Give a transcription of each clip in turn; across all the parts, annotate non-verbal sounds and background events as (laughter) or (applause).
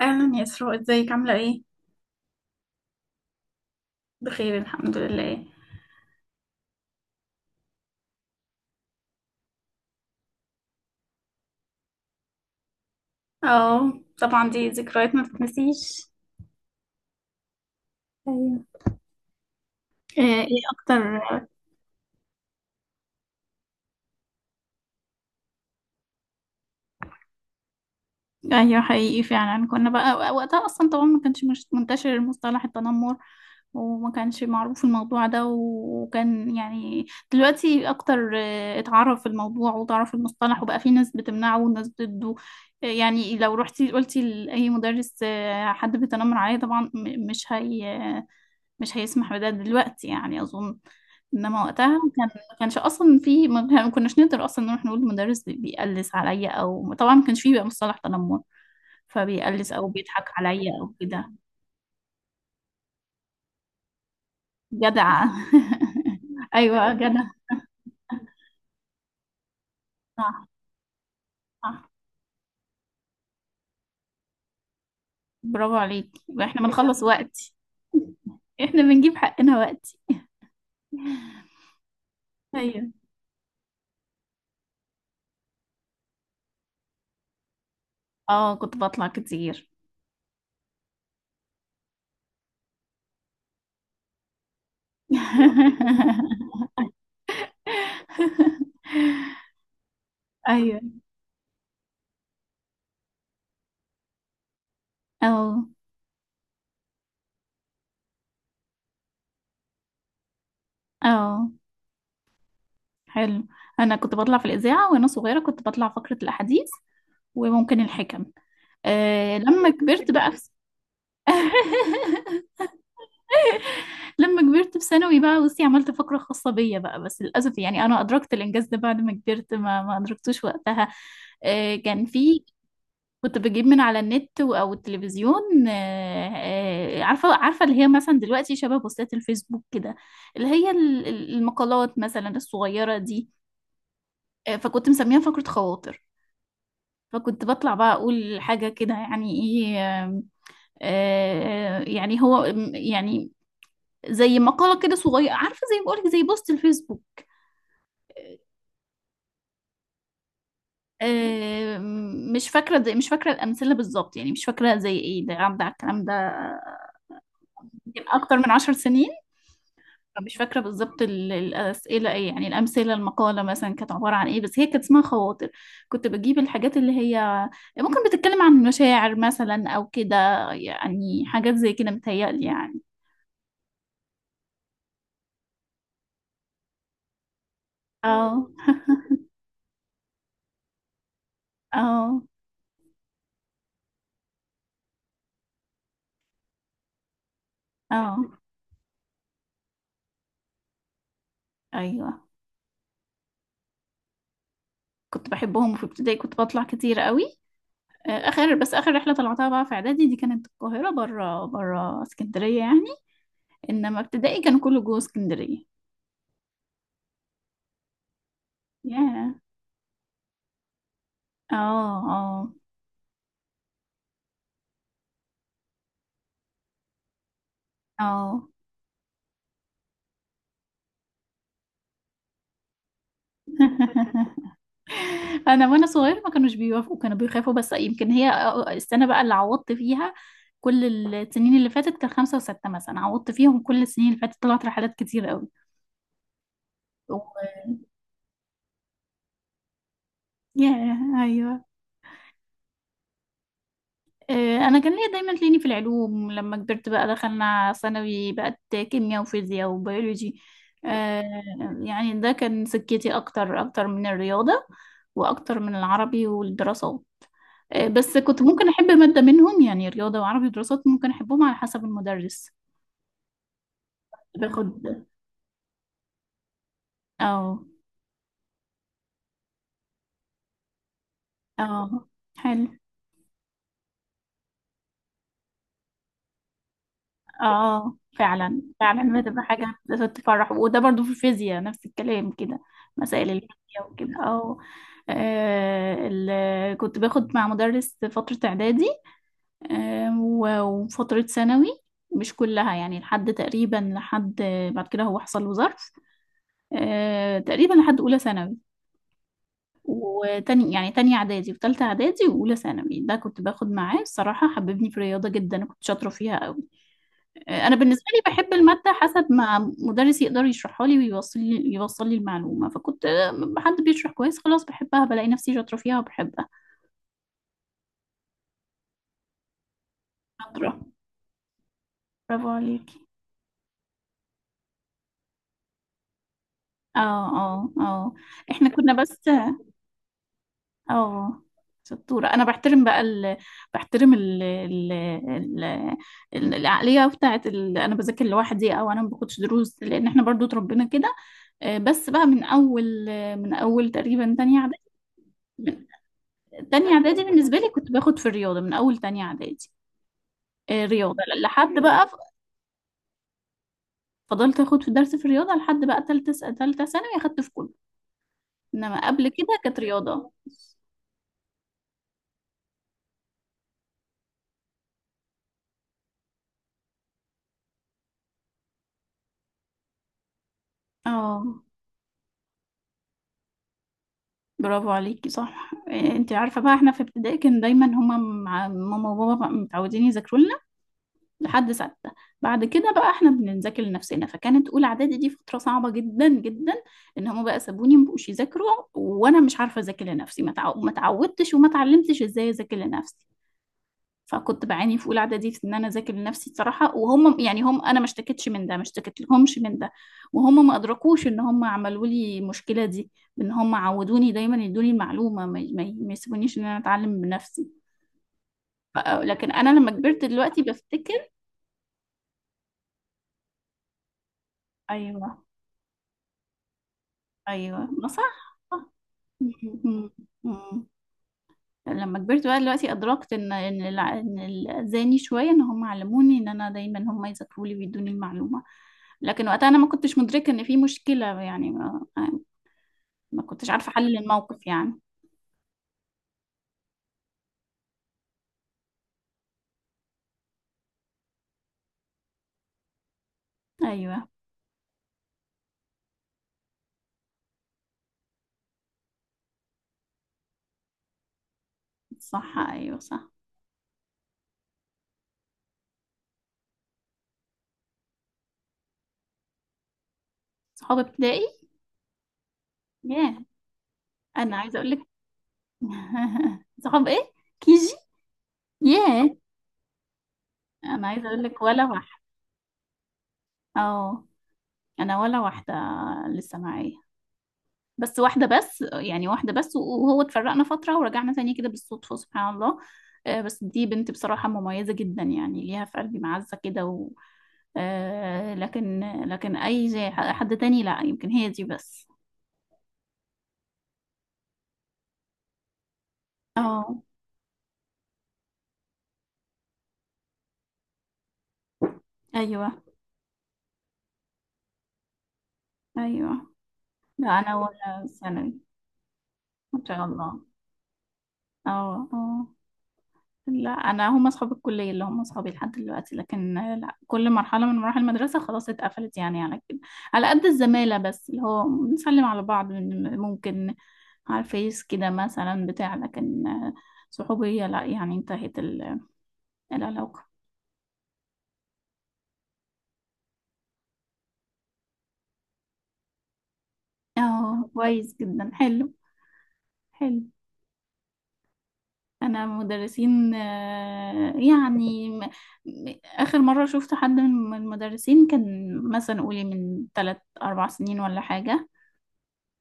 اهلا يا اسراء، ازيك عامله ايه؟ بخير، الحمد لله. اه. طبعا دي ذكريات ما تتنسيش. ايوه. إيه اكتر؟ ايوه، حقيقي. فعلا كنا بقى وقتها اصلا، طبعا ما كانش مش منتشر مصطلح التنمر، وما كانش معروف الموضوع ده. وكان يعني دلوقتي اكتر اتعرف الموضوع وتعرف المصطلح وبقى في ناس بتمنعه وناس ضده. يعني لو رحتي قلتي لأي مدرس حد بيتنمر عليه، طبعا مش هي مش هيسمح بده دلوقتي، يعني أظن. إنما وقتها كان ما كانش أصلا في ما كناش نقدر أصلا نروح نقول المدرس بيقلس عليا، أو طبعا ما كانش فيه بقى مصطلح تنمر، فبيقلس أو بيضحك عليا أو كده. جدع. (laughs) أيوة جدع. صح، صح. برافو عليك. احنا بنخلص وقتي. احنا بنجيب حقنا وقتي. ايوه. اه، كنت بطلع كتير. (laughs) ايوه. اه. اه، حلو. انا كنت بطلع في الاذاعه وانا صغيره، كنت بطلع فقره الاحاديث وممكن الحكم. أه، لما كبرت بقى في... (laughs) لما كبرت في ثانوي بقى، بصي عملت فقره خاصه بيا بقى، بس للاسف يعني انا ادركت الانجاز ده بعد ما كبرت، ما ادركتوش وقتها. أه، كان في، كنت بجيب من على النت او التلفزيون. أه، عارفه اللي هي مثلا دلوقتي شبه بوستات الفيسبوك كده، اللي هي المقالات مثلا الصغيره دي. أه، فكنت مسميها فقره خواطر. فكنت بطلع بقى اقول حاجة كده، يعني ايه. يعني هو، يعني زي مقالة كده صغيرة، عارفة، زي ما بقولك، زي بوست الفيسبوك. مش فاكرة، زي، مش فاكرة الأمثلة بالظبط، يعني مش فاكرة زي ايه ده عدى على الكلام ده. يمكن أكتر من 10 سنين، فمش فاكرة بالظبط الأسئلة ايه يعني، الأمثلة المقالة مثلا كانت عبارة عن ايه، بس هي كانت اسمها خواطر. كنت بجيب الحاجات اللي هي ممكن بتتكلم عن مشاعر مثلا أو كده، يعني حاجات زي كده متهيألي يعني. اه. اه. اه. ايوه، كنت بحبهم، وفي ابتدائي كنت بطلع كتير قوي. اخر، بس اخر رحله طلعتها بقى في اعدادي دي كانت القاهره، بره بره اسكندريه يعني. انما ابتدائي كان كله جوه اسكندريه. ياه. اه. اه. اه. (laughs) انا وانا صغير ما كانوش بيوافقوا، كانوا بيخافوا. بس يمكن هي، السنه بقى اللي عوضت فيها كل السنين اللي فاتت، كان خمسة وستة مثلا، عوضت فيهم كل السنين اللي فاتت، طلعت رحلات كتير قوي. و... ياه. ايوه. انا كان ليا دايما، تلاقيني في العلوم. لما كبرت بقى دخلنا ثانوي، بقت كيمياء وفيزياء وبيولوجي. آه، يعني ده كان سكتي اكتر، اكتر من الرياضة واكتر من العربي والدراسات. بس كنت ممكن احب مادة منهم يعني، رياضة وعربي ودراسات ممكن احبهم على حسب المدرس. باخد. اه. اه، حلو. اه، فعلا فعلا بتبقى حاجة تفرح، وده برضو في الفيزياء نفس الكلام كده، مسائل الفيزياء وكده. أو كنت باخد مع مدرس فترة إعدادي، وفترة ثانوي، مش كلها يعني، لحد تقريبا، لحد بعد كده هو حصل له ظرف. آه، تقريبا لحد أولى ثانوي. وتاني يعني تانية إعدادي وتالتة إعدادي وأولى ثانوي، ده كنت باخد معاه. الصراحة حببني في الرياضة جدا، أنا كنت شاطرة فيها أوي. انا بالنسبه لي بحب الماده حسب ما مدرس يقدر يشرحها لي، ويوصل لي يوصل لي المعلومه. فكنت، حد بيشرح كويس، خلاص بحبها، بلاقي نفسي شاطره فيها وبحبها. شاطره. برافو عليكي. اه. اه. اه. احنا كنا بس. اه، شطوره. انا بحترم بقى ال... بحترم ال... ال... ال... العقليه بتاعت ال... انا بذاكر لوحدي، او انا ما باخدش دروس، لان احنا برضو اتربينا كده. بس بقى من اول تقريبا تانية اعدادي، تانية اعدادي. بالنسبة لي كنت باخد في الرياضة من اول تانية اعدادي. رياضة لحد بقى. فضلت اخد في درس في الرياضة لحد بقى تالتة ثانوي اخدت في كله، انما قبل كده كانت رياضة. اه، برافو عليكي. صح. إيه، انت عارفه بقى احنا في ابتدائي كان دايما هما مع ماما وبابا بقى متعودين يذاكروا لنا لحد سته. بعد كده بقى احنا بنذاكر لنفسنا. فكانت اولى اعدادي دي فتره صعبه جدا جدا، ان هما بقى سابوني مبقوش يذاكروا وانا مش عارفه اذاكر لنفسي، ما اتعودتش وما اتعلمتش ازاي اذاكر لنفسي. فكنت بعاني في اولى اعدادي في ان انا اذاكر لنفسي بصراحه. وهم يعني هم، انا ما اشتكيتش من ده، ما اشتكيت لهمش من ده، وهم ما ادركوش ان هم عملوا لي المشكله دي، بان هم عودوني دايما يدوني المعلومه، ما ما يسيبونيش ان انا اتعلم بنفسي. لكن انا لما كبرت دلوقتي بفتكر. ايوه. ايوه ما صح، صح. م- م- م- لما كبرت بقى دلوقتي ادركت ان اذاني شويه، ان هم علموني ان انا دايما هم يذاكروا لي ويدوني المعلومه. لكن وقتها انا ما كنتش مدركه ان في مشكله يعني، ما، ما كنتش عارفه احلل الموقف يعني. ايوه، صح. ايوه، صح. صحاب ابتدائي. ياه، انا عايزه اقول لك. (laughs) صحاب ايه؟ كيجي. ياه، انا عايزه اقول لك ولا واحده. اه. انا ولا واحده لسه معايا، بس واحدة بس، يعني واحدة بس. وهو اتفرقنا فترة ورجعنا تاني كده بالصدفة، سبحان الله. بس دي بنت بصراحة مميزة جدا، يعني ليها في قلبي معزة كده. و... لكن، لكن أي زي حد تاني لا يمكن، هي دي بس. اه. أيوه. أيوه. لا، أنا ولا ثانوي. ما شاء الله. اه. اه. لا، انا هم اصحاب الكليه اللي هم اصحابي لحد دلوقتي، لكن لا، كل مرحله من مراحل المدرسه خلاص اتقفلت يعني، على كده، على قد الزماله بس اللي هو بنسلم على بعض ممكن على الفيس كده مثلا بتاع، لكن صحوبيه لا، يعني انتهت العلاقه. اه، كويس جدا، حلو. حلو. انا مدرسين، يعني اخر مره شفت حد من المدرسين كان مثلا قولي من ثلاث اربع سنين ولا حاجه،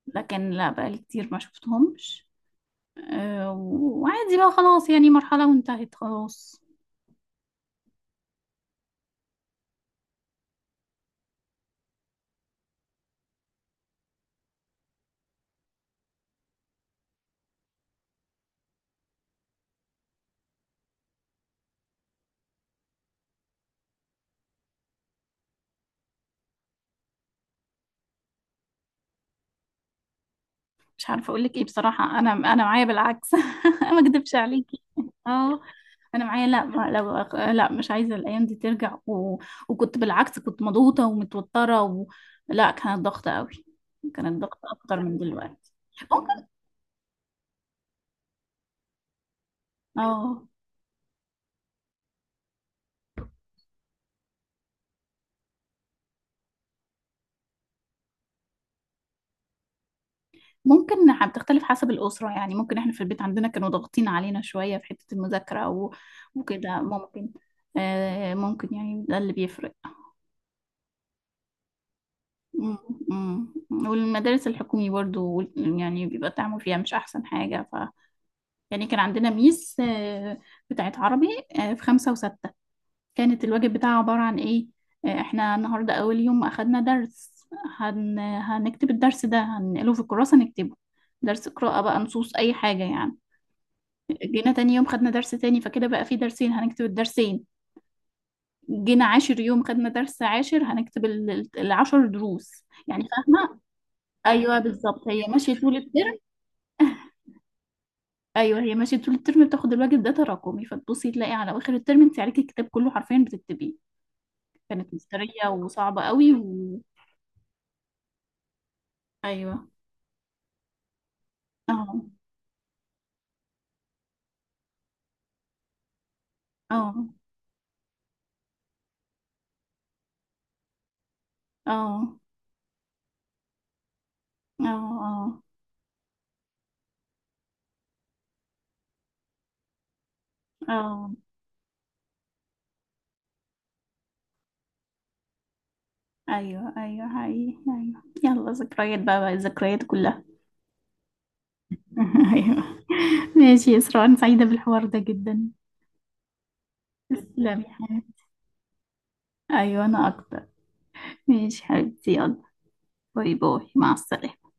لكن لا، بقالي كتير ما شفتهمش. وعادي بقى خلاص، يعني مرحلة وانتهت خلاص. مش عارفة اقول لك ايه بصراحة، انا معايا بالعكس. (laughs) ما اكدبش عليكي. اه. انا معايا، لا، لا، مش عايزة الايام دي ترجع. و... وكنت بالعكس، كنت مضغوطة ومتوترة. و... لا، كانت ضغطة قوي، كانت ضغطة اكتر من دلوقتي. ممكن. اه، ممكن. بتختلف حسب الأسرة، يعني ممكن احنا في البيت عندنا كانوا ضاغطين علينا شوية في حتة المذاكرة وكده ممكن. ممكن يعني ده اللي بيفرق. مم، مم. والمدارس الحكومي برضو، يعني بيبقى التعامل فيها مش أحسن حاجة. ف يعني كان عندنا ميس بتاعت عربي في خمسة وستة، كانت الواجب بتاعها عبارة عن إيه؟ احنا النهاردة أول يوم أخدنا درس، هنكتب الدرس ده، هنقله في الكراسة نكتبه. درس قراءة بقى، نصوص، أي حاجة يعني. جينا تاني يوم خدنا درس تاني، فكده بقى في درسين هنكتب الدرسين. جينا عاشر يوم خدنا درس عاشر، هنكتب العشر دروس يعني، فاهمة؟ أيوه بالظبط، هي ماشية طول الترم. أيوه، هي ماشية طول الترم، بتاخد الواجب ده تراكمي، فتبصي تلاقي على آخر الترم أنت عليكي الكتاب كله حرفيا بتكتبيه. كانت مسترية وصعبة قوي. و... أيوه. أه. أه. أه. أه. أه. أه. أيوه. أيوه، حقيقي. أيوه، يلا، ذكريات بقى، الذكريات كلها. (laughs) أيوه. ماشي يا إسراء، أنا سعيدة بالحوار ده جدا. تسلمي يا حبيبتي. أيوة، أنا أكتر. ماشي حبيبتي، يلا، باي باي، مع السلامة.